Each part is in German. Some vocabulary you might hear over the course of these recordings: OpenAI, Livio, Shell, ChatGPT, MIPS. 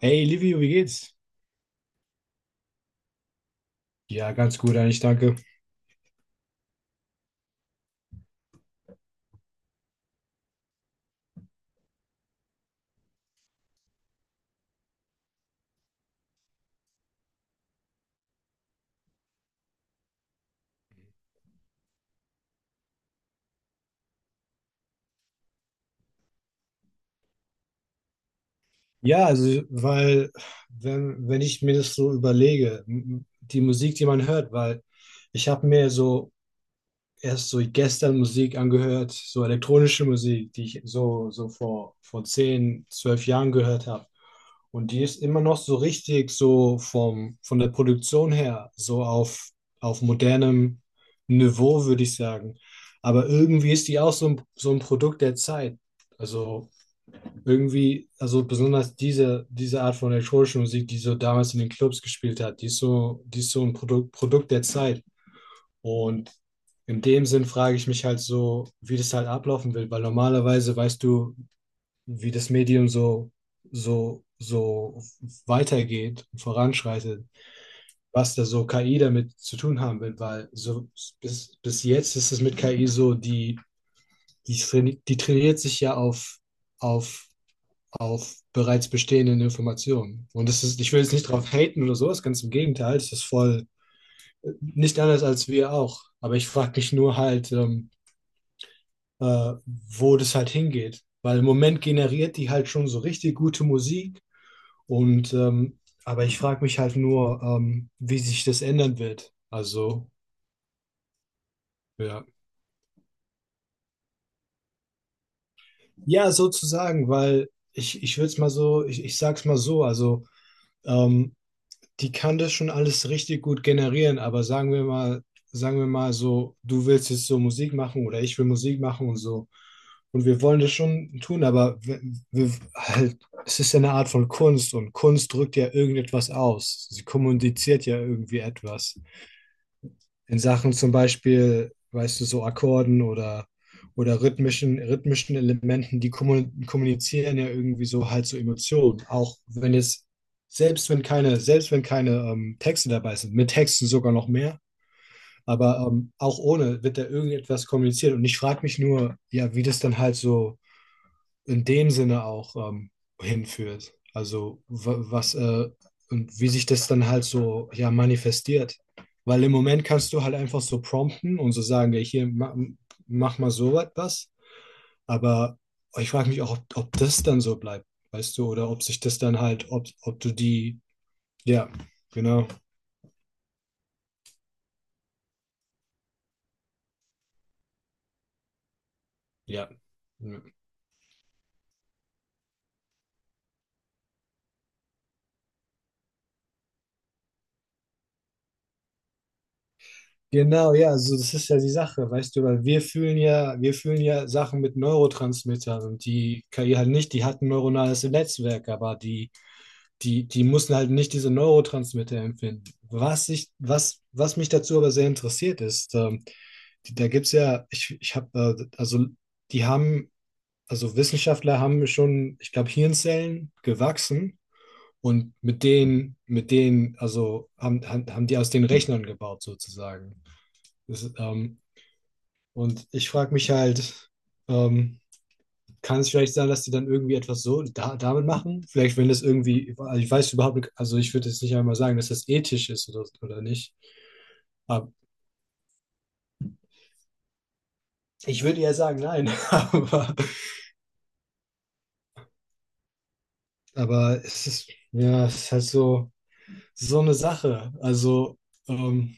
Hey Livio, wie geht's? Ja, ganz gut eigentlich, danke. Ja, also, weil, wenn ich mir das so überlege, die Musik, die man hört, weil ich habe mir so erst so gestern Musik angehört, so elektronische Musik, die ich so, so vor 10 12 Jahren gehört habe. Und die ist immer noch so richtig von der Produktion her, auf modernem Niveau, würde ich sagen. Aber irgendwie ist die auch so ein Produkt der Zeit. Also irgendwie, also besonders diese Art von elektronischer Musik, die so damals in den Clubs gespielt hat, die ist so ein Produkt der Zeit. Und in dem Sinn frage ich mich halt so, wie das halt ablaufen will, weil normalerweise weißt du, wie das Medium so weitergeht und voranschreitet, was da so KI damit zu tun haben will, weil so bis jetzt ist es mit KI so, die trainiert sich ja auf auf bereits bestehenden Informationen. Und das ist, ich will jetzt nicht drauf haten oder sowas, ganz im Gegenteil, das ist voll nicht anders als wir auch. Aber ich frage mich nur halt, wo das halt hingeht. Weil im Moment generiert die halt schon so richtig gute Musik. Und aber ich frage mich halt nur, wie sich das ändern wird. Also, ja. Ja, sozusagen, ich würde es mal so, ich sag's mal so, also ähm, die kann das schon alles richtig gut generieren, aber sagen wir mal so, du willst jetzt so Musik machen oder ich will Musik machen und so. Und wir wollen das schon tun, aber wir, halt, es ist ja eine Art von Kunst und Kunst drückt ja irgendetwas aus. Sie kommuniziert ja irgendwie etwas in Sachen zum Beispiel, weißt du, so Akkorden oder rhythmischen Elementen, die kommunizieren ja irgendwie so halt so Emotionen. Auch wenn jetzt, Selbst wenn keine, selbst wenn keine Texte dabei sind, mit Texten sogar noch mehr, aber auch ohne wird da irgendetwas kommuniziert. Und ich frage mich nur, ja, wie das dann halt so in dem Sinne auch hinführt. Also wa- was und wie sich das dann halt so ja manifestiert. Weil im Moment kannst du halt einfach so prompten und so sagen, ja, hier mach mal so was. Aber ich frage mich auch, ob das dann so bleibt, weißt du, oder ob sich das dann halt, ob du die, ja, genau, ja. Ja. Genau, ja, also das ist ja die Sache, weißt du, weil wir fühlen ja Sachen mit Neurotransmittern und die KI halt nicht, die hat ein neuronales Netzwerk, aber die mussten halt nicht diese Neurotransmitter empfinden. Was mich dazu aber sehr interessiert ist, die, da gibt's ja, ich habe, also die haben, also Wissenschaftler haben schon, ich glaube, Hirnzellen gewachsen und mit denen haben die aus den Rechnern gebaut sozusagen. Das, ist, ähm, und ich frage mich halt, ähm, kann es vielleicht sein, dass die dann irgendwie etwas so da, damit machen? Vielleicht, wenn das irgendwie, also ich weiß überhaupt nicht, also ich würde jetzt nicht einmal sagen, dass das ethisch ist oder nicht. Aber ich würde eher sagen, nein. Aber, aber es ist, ja, es ist halt so, so eine Sache. Also, ähm,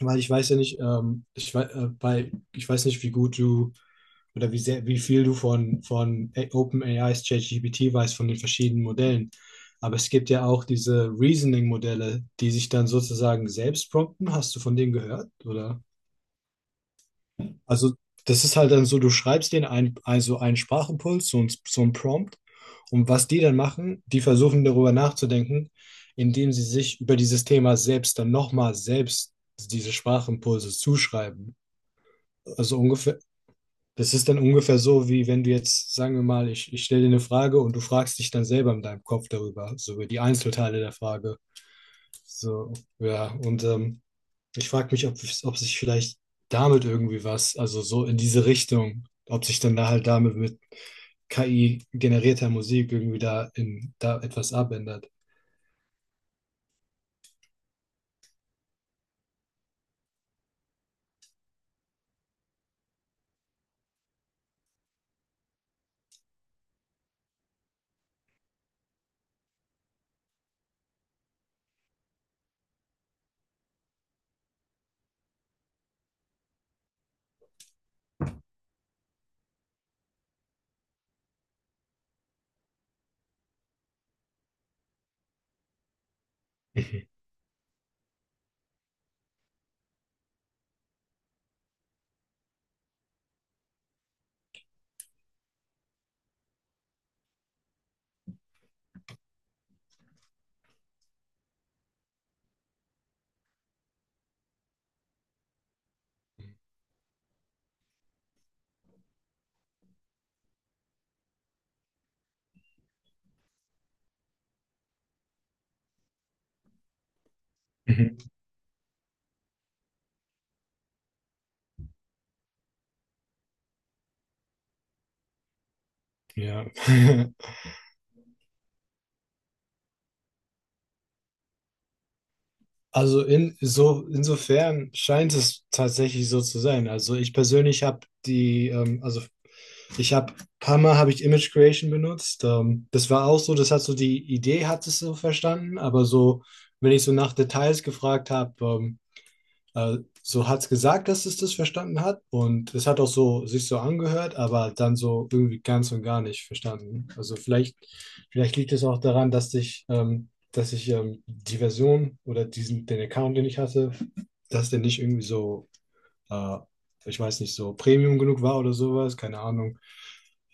weil ich weiß ja nicht, weil ich weiß nicht, wie gut du oder wie sehr, wie viel du von, von OpenAIs ChatGPT weißt, von den verschiedenen Modellen. Aber es gibt ja auch diese Reasoning-Modelle, die sich dann sozusagen selbst prompten. Hast du von denen gehört? Oder? Also, das ist halt dann so, du schreibst denen ein, also einen Sprachimpuls, so ein Prompt. Und was die dann machen, die versuchen darüber nachzudenken, indem sie sich über dieses Thema selbst dann nochmal selbst diese Sprachimpulse zuschreiben. Also ungefähr, das ist dann ungefähr so, wie wenn du jetzt, sagen wir mal, ich stelle dir eine Frage und du fragst dich dann selber in deinem Kopf darüber, so über die Einzelteile der Frage. So, ja, und ich frage mich, ob sich vielleicht damit irgendwie was, also so in diese Richtung, ob sich dann da halt damit mit KI generierter Musik irgendwie da in da etwas abändert. Mhm. Mhm. Ja. Also in, so, insofern scheint es tatsächlich so zu sein. Also ich persönlich habe die, ich habe, paar Mal habe ich Image Creation benutzt. Das war auch so, das hat so die Idee, hat es so verstanden, aber so, wenn ich so nach Details gefragt habe, so hat es gesagt, dass es das verstanden hat und es hat auch so sich so angehört, aber dann so irgendwie ganz und gar nicht verstanden. Also vielleicht liegt es auch daran, dass ich die Version oder diesen, den Account, den ich hatte, dass der nicht irgendwie so äh, ich weiß nicht, so Premium genug war oder sowas, keine Ahnung.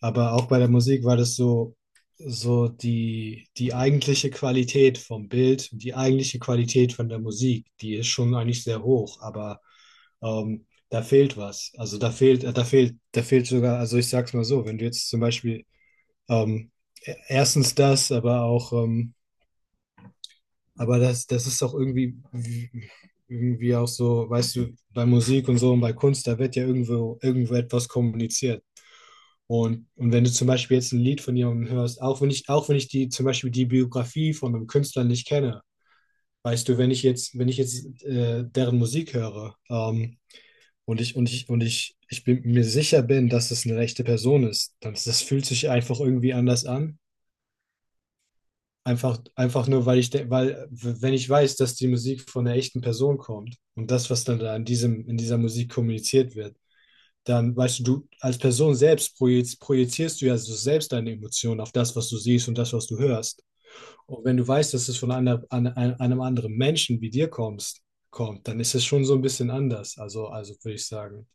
Aber auch bei der Musik war das so, die eigentliche Qualität vom Bild, die eigentliche Qualität von der Musik, die ist schon eigentlich sehr hoch, aber da fehlt was. Also da fehlt sogar, also ich sag's mal so, wenn du jetzt zum Beispiel ähm, erstens das, aber auch aber das ist auch irgendwie, irgendwie auch so, weißt du, bei Musik und so und bei Kunst, da wird ja irgendwo, irgendwo etwas kommuniziert. Und wenn du zum Beispiel jetzt ein Lied von jemandem hörst, auch wenn ich die, zum Beispiel die Biografie von einem Künstler nicht kenne, weißt du, wenn ich jetzt deren Musik höre, und ich bin mir sicher bin, dass es eine rechte Person ist, dann das fühlt sich einfach irgendwie anders an. Einfach, einfach nur, weil ich, de- weil, w- wenn ich weiß, dass die Musik von einer echten Person kommt und das, was dann da in diesem, in dieser Musik kommuniziert wird, dann weißt du, du als Person selbst projizierst du ja so selbst deine Emotionen auf das, was du siehst und das, was du hörst. Und wenn du weißt, dass es von einem anderen Menschen wie dir kommt, dann ist es schon so ein bisschen anders. Also würde ich sagen.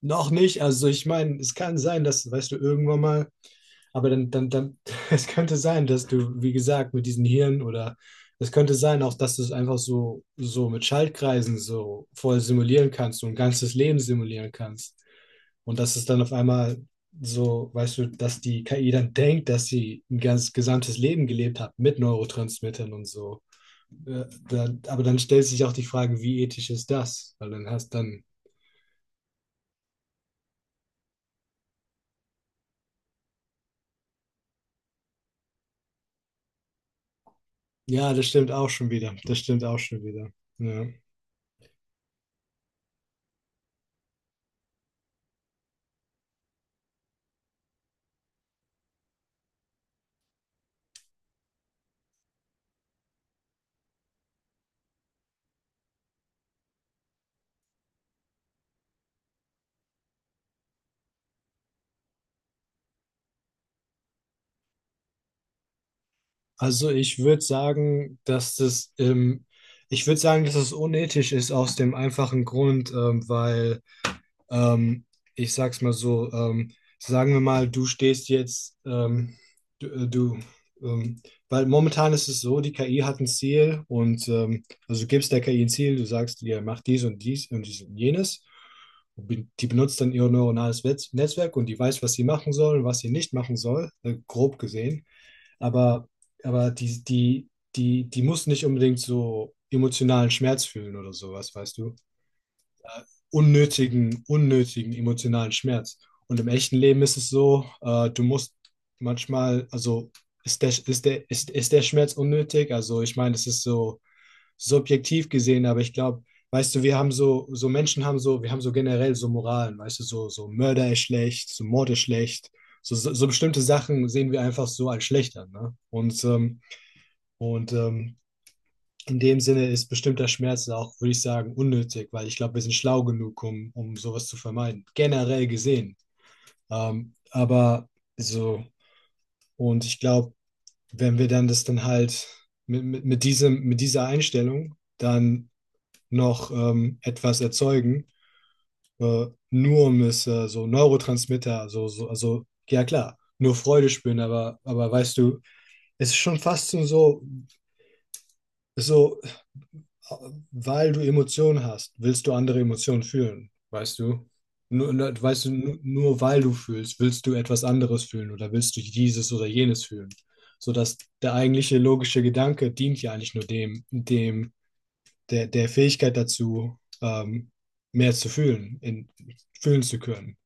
Noch nicht. Also ich meine, es kann sein, dass, weißt du, irgendwann mal, aber dann, es könnte sein, dass du, wie gesagt, mit diesen Hirn oder es könnte sein auch, dass du es einfach so, so mit Schaltkreisen so voll simulieren kannst, so ein ganzes Leben simulieren kannst. Und dass es dann auf einmal so, weißt du, dass die KI dann denkt, dass sie ein ganz gesamtes Leben gelebt hat mit Neurotransmittern und so. Aber dann stellt sich auch die Frage, wie ethisch ist das? Weil dann hast dann Ja, das stimmt auch schon wieder. Das stimmt auch schon wieder. Ja. Also ich würde sagen, dass das, ich würde sagen, dass es unethisch ist aus dem einfachen Grund, weil Ähm, ich sag's mal so, sagen wir mal, du stehst jetzt, du, du ähm, weil momentan ist es so, die KI hat ein Ziel und also du gibst der KI ein Ziel, du sagst ihr, mach dies und dies und dies und jenes. Und die benutzt dann ihr Netzwerk und die weiß, was sie machen soll, was sie nicht machen soll, grob gesehen. Aber, aber die, die, die muss nicht unbedingt so emotionalen Schmerz fühlen oder sowas, weißt du? Unnötigen emotionalen Schmerz. Und im echten Leben ist es so, du musst manchmal, also ist der Schmerz unnötig? Also ich meine, das ist so subjektiv gesehen, aber ich glaube, weißt du, wir haben so generell so Moralen, weißt du, so Mord ist schlecht. So bestimmte Sachen sehen wir einfach so als schlecht an. Ne? Und, und ähm, in dem Sinne ist bestimmter Schmerz auch, würde ich sagen, unnötig, weil ich glaube, wir sind schlau genug, um sowas zu vermeiden, generell gesehen. Aber so, und ich glaube, wenn wir dann das dann halt mit dieser Einstellung dann noch etwas erzeugen, nur um es so Neurotransmitter, also, ja klar, nur Freude spüren, aber weißt du, es ist schon fast so, weil du Emotionen hast, willst du andere Emotionen fühlen, weißt du? Nur weil du fühlst, willst du etwas anderes fühlen oder willst du dieses oder jenes fühlen. Sodass der eigentliche logische Gedanke dient ja eigentlich nur der Fähigkeit dazu, mehr zu fühlen, fühlen zu können.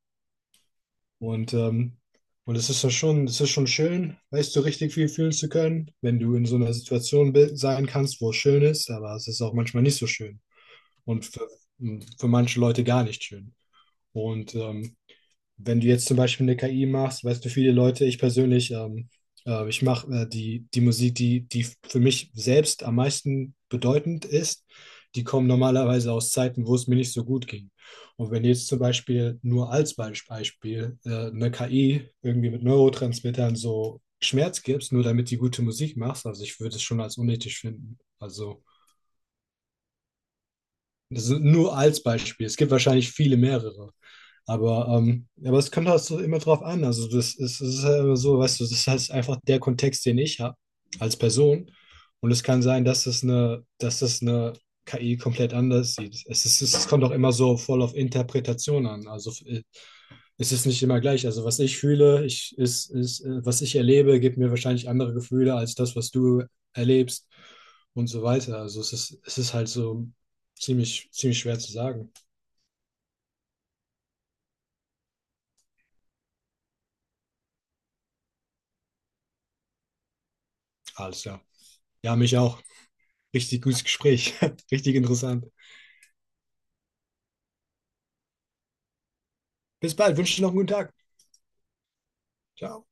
Und, es ist ja schon, es ist schon schön, weißt du, richtig viel fühlen zu können, wenn du in so einer Situation sein kannst, wo es schön ist, aber es ist auch manchmal nicht so schön und für manche Leute gar nicht schön. Und wenn du jetzt zum Beispiel eine KI machst, weißt du, viele Leute, ich persönlich, ich mache die Musik, die für mich selbst am meisten bedeutend ist, die kommen normalerweise aus Zeiten, wo es mir nicht so gut ging. Und wenn jetzt zum Beispiel nur als Beispiel eine KI irgendwie mit Neurotransmittern so Schmerz gibst, nur damit die gute Musik machst, also ich würde es schon als unethisch finden. Also Das ist nur als Beispiel. Es gibt wahrscheinlich viele mehrere. Aber, ja, aber es kommt halt so immer drauf an. Also das ist, es ist halt immer so, weißt du, das ist halt einfach der Kontext, den ich habe als Person. Und es kann sein, dass es eine KI komplett anders sieht. Es ist, es kommt auch immer so voll auf Interpretation an. Also es ist nicht immer gleich. Also was ich fühle, ist, was ich erlebe, gibt mir wahrscheinlich andere Gefühle als das, was du erlebst und so weiter. Also es ist halt so ziemlich, ziemlich schwer zu sagen. Alles klar. Ja, mich auch. Richtig gutes Gespräch. Richtig interessant. Bis bald. Wünsche dir noch einen guten Tag. Ciao.